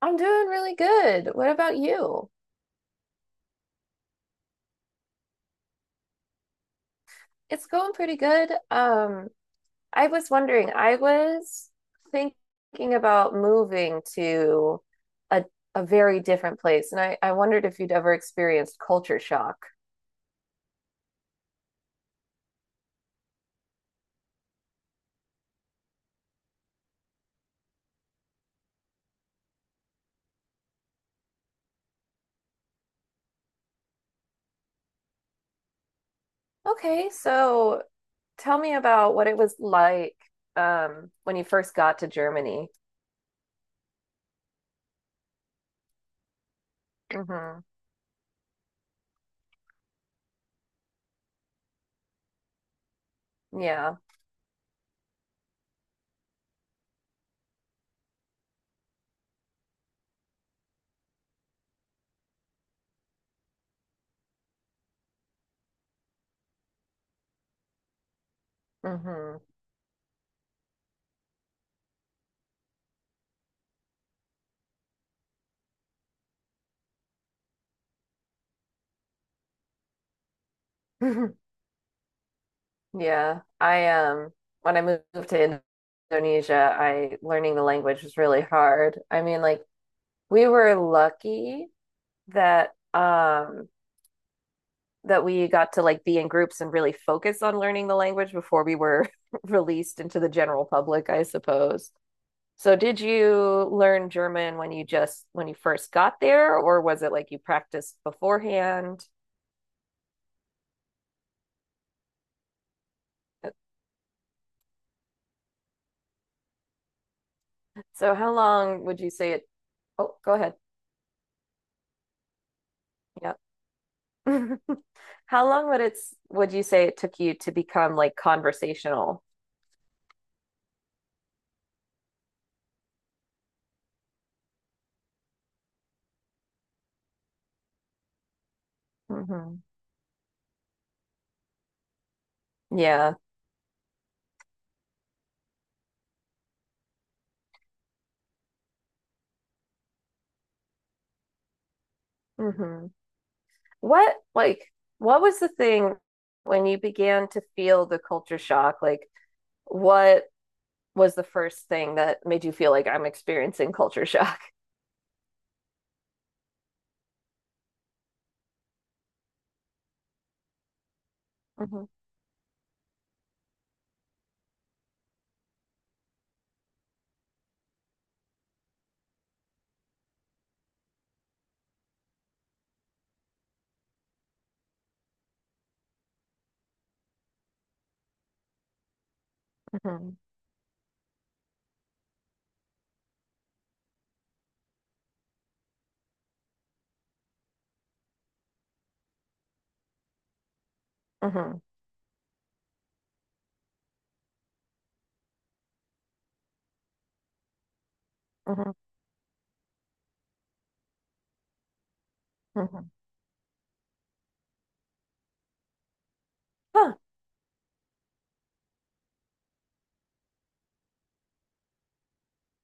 I'm doing really good. What about you? It's going pretty good. I was wondering, I was thinking about moving to a a very different place, and I wondered if you'd ever experienced culture shock. Okay, so tell me about what it was like when you first got to Germany. Hmm. Yeah. Hmm. Yeah, I when I moved to Indonesia, I learning the language was really hard. I mean, like we were lucky that um that we got to like be in groups and really focus on learning the language before we were released into the general public, I suppose. So did you learn German when you first got there, or was it like you practiced beforehand? So how long would you say it? Oh, go ahead. Yeah. How long would you say it took you to become like conversational? Hmm. Yeah. Hmm. What like what was the thing when you began to feel the culture shock? Like what was the first thing that made you feel like I'm experiencing culture shock? Hmm. Hmm. Hmm. Hmm. Hmm. Huh.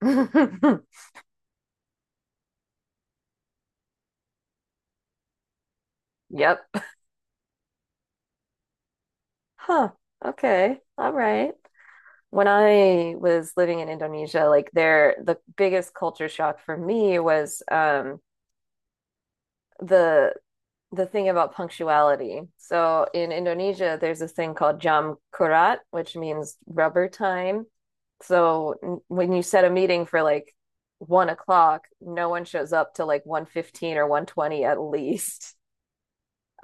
Yep. Huh. Okay. All right. When I was living in Indonesia, like there, the biggest culture shock for me was the the thing about punctuality. So in Indonesia, there's this thing called jam kurat, which means rubber time. So when you set a meeting for like 1 o'clock, no one shows up till like 1:15 or 1:20 at least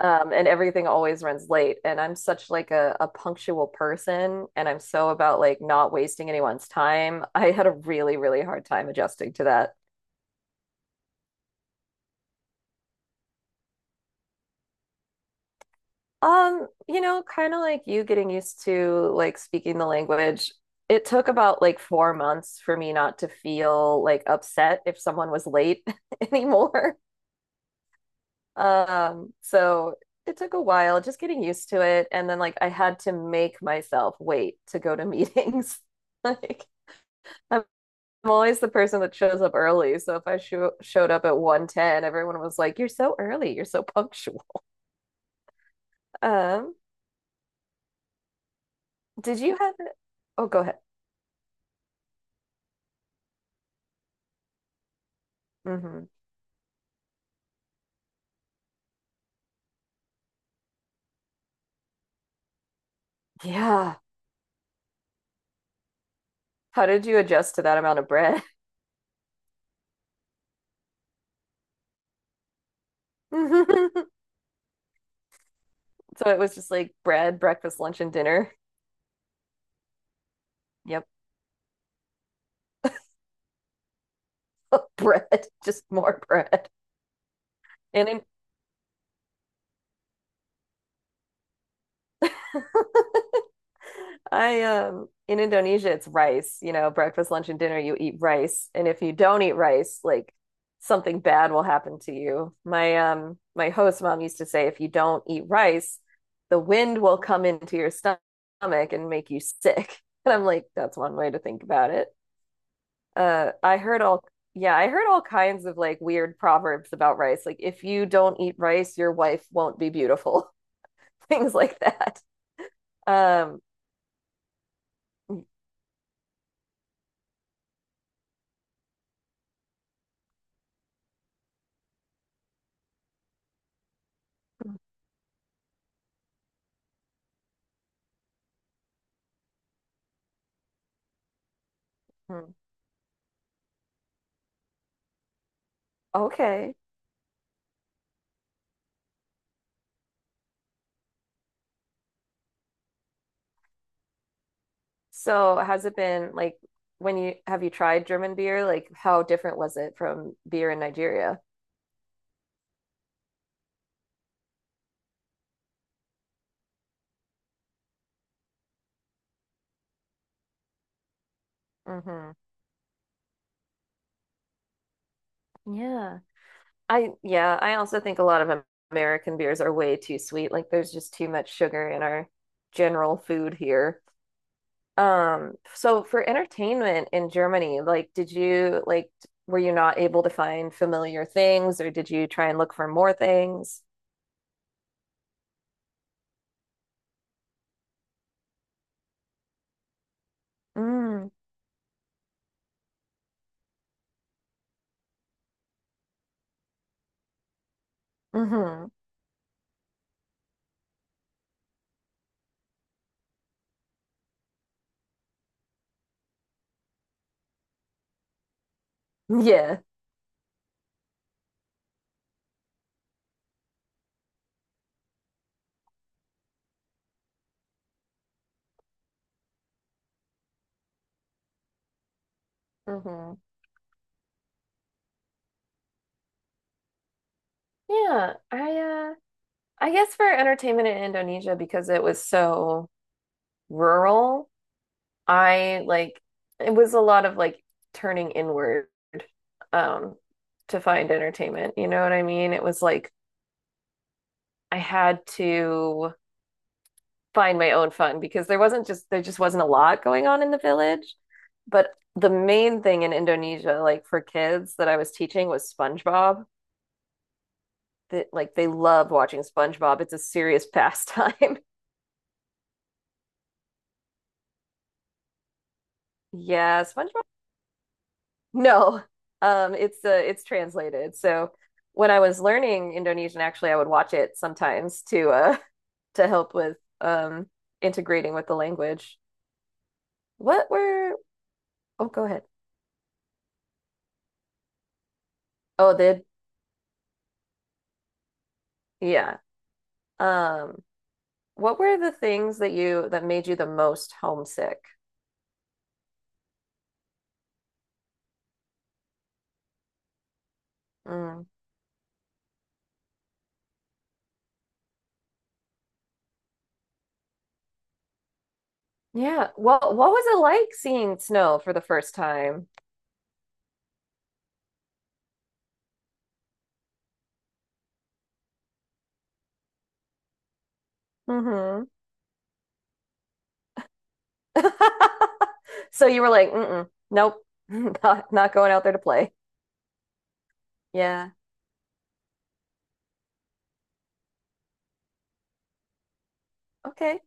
and everything always runs late. And I'm such like a punctual person, and I'm so about like not wasting anyone's time. I had a really, really hard time adjusting to that. Kind of like you getting used to like speaking the language. It took about like 4 months for me not to feel like upset if someone was late anymore. So it took a while just getting used to it. And then like I had to make myself wait to go to meetings. Like, I'm I'm always the person that shows up early. So if I showed up at 1:10, everyone was like, "You're so early. You're so punctual." Um, did you have it? Oh, go ahead. Hmm. Yeah. How did you adjust to that amount of bread? So it was just like bread, breakfast, lunch, and dinner. Yep. Bread, just more bread. And in Indonesia it's rice, breakfast, lunch, and dinner you eat rice. And if you don't eat rice, like something bad will happen to you. My host mom used to say if you don't eat rice, the wind will come into your stomach and make you sick. And I'm like, that's one way to think about it. I heard all yeah, I heard all kinds of like weird proverbs about rice. Like if you don't eat rice, your wife won't be beautiful. Things like that. Um mm-hmm. Okay. So has it been like when you have you tried German beer? Like how different was it from beer in Nigeria? Hmm. Yeah. I yeah, I also think a lot of American beers are way too sweet. Like there's just too much sugar in our general food here. So for entertainment in Germany, like did you like were you not able to find familiar things or did you try and look for more things? Mm, hmm. Yeah. Hmm. Yeah, I guess for entertainment in Indonesia, because it was so rural, I like it was a lot of like turning inward um to find entertainment. You know what I mean? It was like I had to find my own fun because there just wasn't a lot going on in the village. But the main thing in Indonesia, like for kids that I was teaching was SpongeBob. That like they love watching SpongeBob. It's a serious pastime. Yeah, SpongeBob. No, it's translated. So when I was learning Indonesian, actually, I would watch it sometimes to to help with integrating with the language. What were? Oh, go ahead. Oh, did yeah. Um, what were the things that made you the most homesick? Mm. Yeah. Well, what was it like seeing snow for the first time? Hmm. So you were like, mm-mm, nope, not going out there to play. Yeah. Okay.